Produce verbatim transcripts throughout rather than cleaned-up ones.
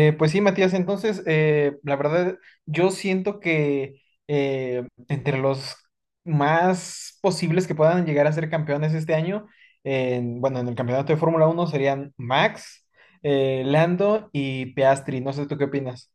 Eh, pues sí, Matías, entonces, eh, la verdad, yo siento que eh, entre los más posibles que puedan llegar a ser campeones este año, en- bueno, en el campeonato de Fórmula Uno serían Max, eh, Lando y Piastri. No sé, ¿tú qué opinas?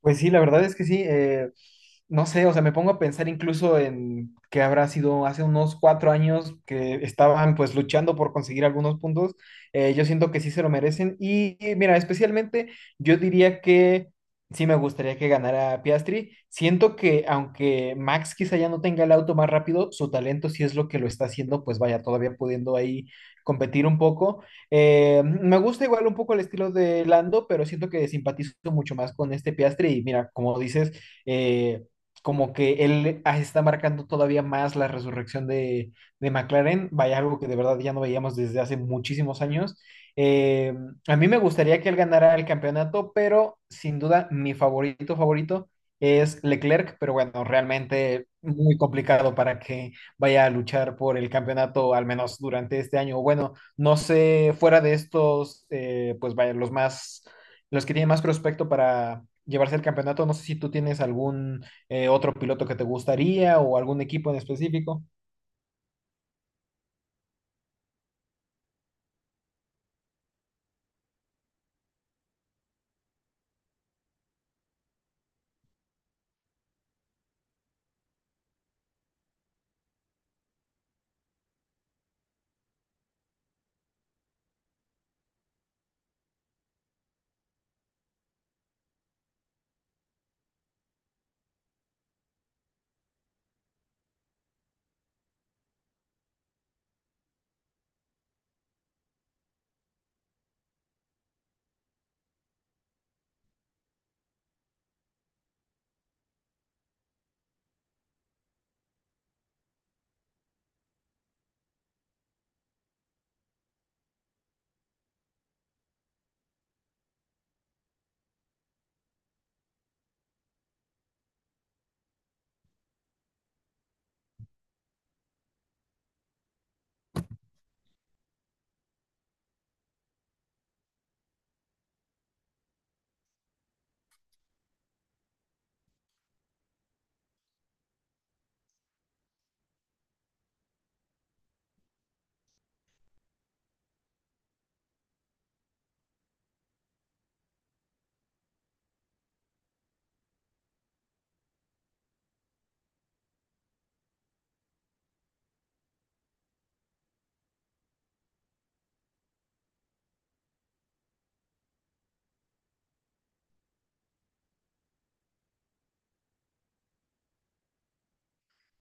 Pues sí, la verdad es que sí. Eh, no sé, o sea, me pongo a pensar incluso en que habrá sido hace unos cuatro años que estaban pues luchando por conseguir algunos puntos. Eh, yo siento que sí se lo merecen. Y eh, mira, especialmente yo diría que sí me gustaría que ganara Piastri. Siento que aunque Max quizá ya no tenga el auto más rápido, su talento sí es lo que lo está haciendo, pues vaya, todavía pudiendo ahí competir un poco. Eh, me gusta igual un poco el estilo de Lando, pero siento que simpatizo mucho más con este Piastri. Y mira, como dices, eh, como que él ah, está marcando todavía más la resurrección de, de McLaren. Vaya, algo que de verdad ya no veíamos desde hace muchísimos años. Eh, a mí me gustaría que él ganara el campeonato, pero sin duda mi favorito favorito es Leclerc. Pero bueno, realmente muy complicado para que vaya a luchar por el campeonato, al menos durante este año. Bueno, no sé, fuera de estos, eh, pues vaya, los más, los que tienen más prospecto para llevarse el campeonato, no sé si tú tienes algún eh, otro piloto que te gustaría o algún equipo en específico.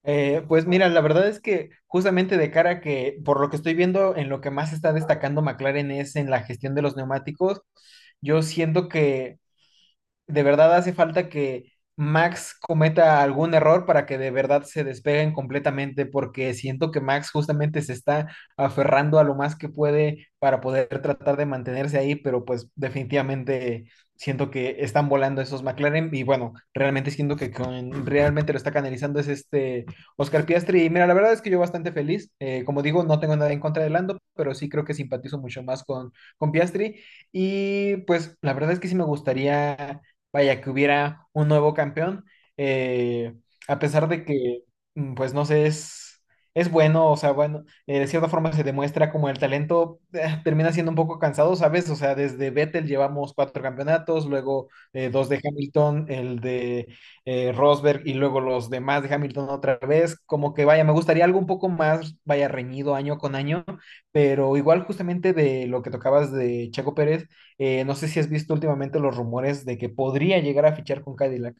Eh, pues mira, la verdad es que justamente de cara a que, por lo que estoy viendo, en lo que más está destacando McLaren es en la gestión de los neumáticos. Yo siento que de verdad hace falta que Max cometa algún error para que de verdad se despeguen completamente, porque siento que Max justamente se está aferrando a lo más que puede para poder tratar de mantenerse ahí, pero pues definitivamente siento que están volando esos McLaren. Y bueno, realmente siento que con- realmente lo está canalizando es este Oscar Piastri. Y mira, la verdad es que yo bastante feliz, eh, como digo, no tengo nada en contra de Lando, pero sí creo que simpatizo mucho más con, con Piastri, y pues la verdad es que sí me gustaría, vaya, que hubiera un nuevo campeón, eh, a pesar de que, mm, pues no sé, es, es bueno, o sea, bueno, eh, de cierta forma se demuestra como el talento eh, termina siendo un poco cansado, ¿sabes? O sea, desde Vettel llevamos cuatro campeonatos, luego eh, dos de Hamilton, el de eh, Rosberg, y luego los demás de Hamilton otra vez, como que vaya, me gustaría algo un poco más, vaya, reñido año con año, pero igual justamente de lo que tocabas de Checo Pérez. Eh, no sé si has visto últimamente los rumores de que podría llegar a fichar con Cadillac.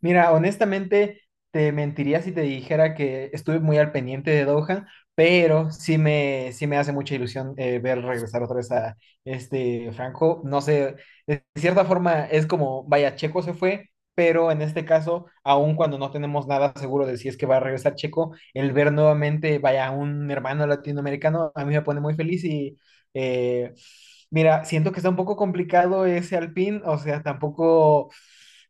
Mira, honestamente, te mentiría si te dijera que estuve muy al pendiente de Doha, pero sí me, sí me hace mucha ilusión eh, ver regresar otra vez a este Franco. No sé, de cierta forma es como, vaya, Checo se fue. Pero en este caso, aun cuando no tenemos nada seguro de si es que va a regresar Checo, el ver nuevamente, vaya, un hermano latinoamericano, a mí me pone muy feliz y, Eh, mira, siento que está un poco complicado ese Alpine, o sea, tampoco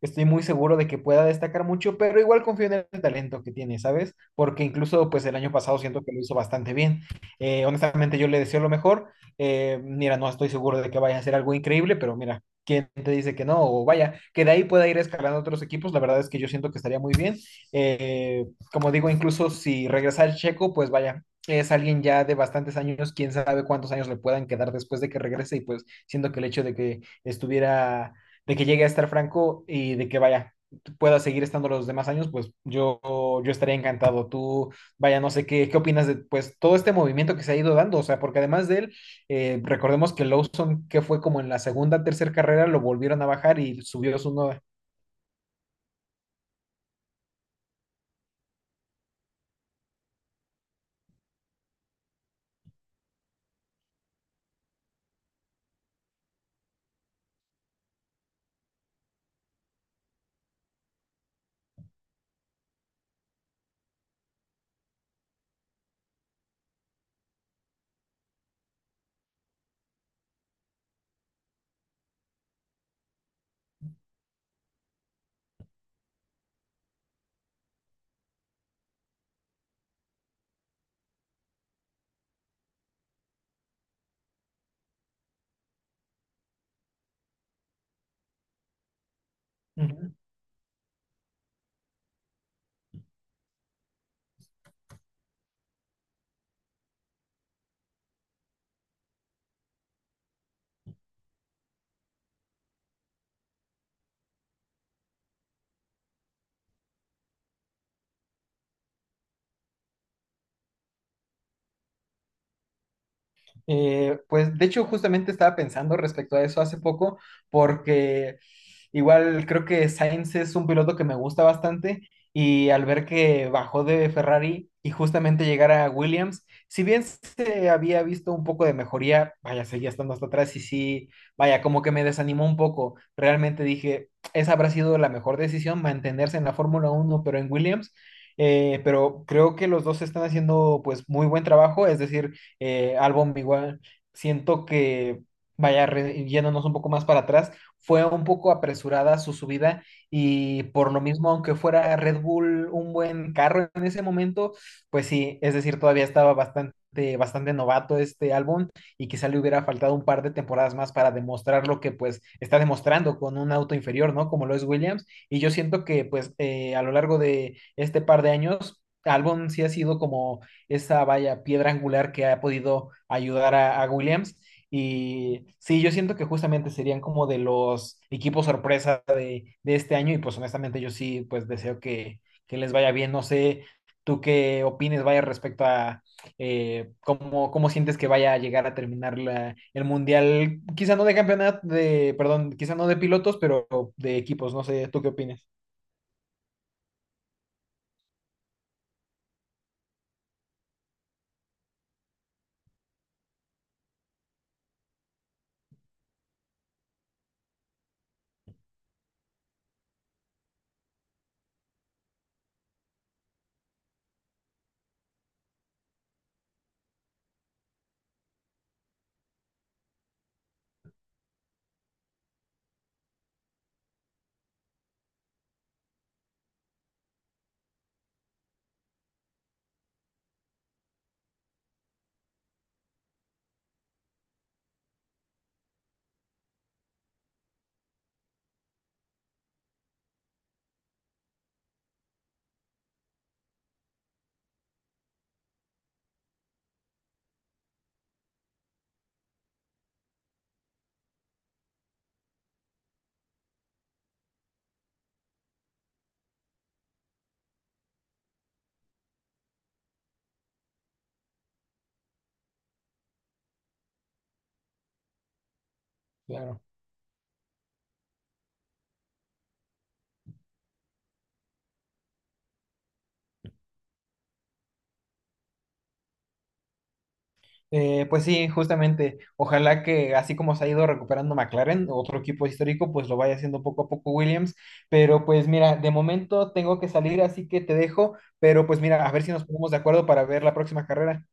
estoy muy seguro de que pueda destacar mucho, pero igual confío en el talento que tiene, ¿sabes? Porque incluso pues el año pasado siento que lo hizo bastante bien. Eh, honestamente yo le deseo lo mejor. Eh, mira, no estoy seguro de que vaya a ser algo increíble, pero mira, ¿quién te dice que no? O vaya, que de ahí pueda ir escalando otros equipos, la verdad es que yo siento que estaría muy bien. Eh, Como digo, incluso si regresa el Checo, pues vaya, es alguien ya de bastantes años, quién sabe cuántos años le puedan quedar después de que regrese, y pues siento que el hecho de que estuviera, de que llegue a estar Franco, y de que vaya, pueda seguir estando los demás años, pues yo, yo estaría encantado. Tú, vaya, no sé qué, qué opinas de pues todo este movimiento que se ha ido dando, o sea, porque además de él, eh, recordemos que Lawson, que fue como en la segunda, tercera carrera, lo volvieron a bajar y subió su nueva. Eh, pues de hecho justamente estaba pensando respecto a eso hace poco, porque igual creo que Sainz es un piloto que me gusta bastante, y al ver que bajó de Ferrari y justamente llegar a Williams, si bien se había visto un poco de mejoría, vaya, seguía estando hasta atrás y sí, vaya, como que me desanimó un poco. Realmente dije, esa habrá sido la mejor decisión, mantenerse en la Fórmula Uno pero en Williams. Eh, pero creo que los dos están haciendo pues muy buen trabajo, es decir, eh, Albon igual. Siento que, vaya, re- yéndonos un poco más para atrás, fue un poco apresurada su subida, y por lo mismo, aunque fuera Red Bull un buen carro en ese momento, pues sí, es decir, todavía estaba bastante, bastante novato este Albon, y quizá le hubiera faltado un par de temporadas más para demostrar lo que pues está demostrando con un auto inferior, ¿no? Como lo es Williams. Y yo siento que pues eh, a lo largo de este par de años, Albon sí ha sido como esa, vaya, piedra angular que ha podido ayudar a, a Williams. Y sí, yo siento que justamente serían como de los equipos sorpresa de, de este año, y pues honestamente yo sí, pues deseo que, que les vaya bien. No sé, tú qué opines, vaya, respecto a eh, cómo, cómo sientes que vaya a llegar a terminar la, el mundial, quizá no de campeonato, de, perdón, quizá no de pilotos, pero de equipos. No sé, tú qué opinas. Claro. Eh, pues sí, justamente. Ojalá que así como se ha ido recuperando McLaren, otro equipo histórico, pues lo vaya haciendo poco a poco Williams. Pero pues mira, de momento tengo que salir, así que te dejo. Pero pues mira, a ver si nos ponemos de acuerdo para ver la próxima carrera.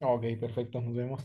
Ok, perfecto, nos vemos.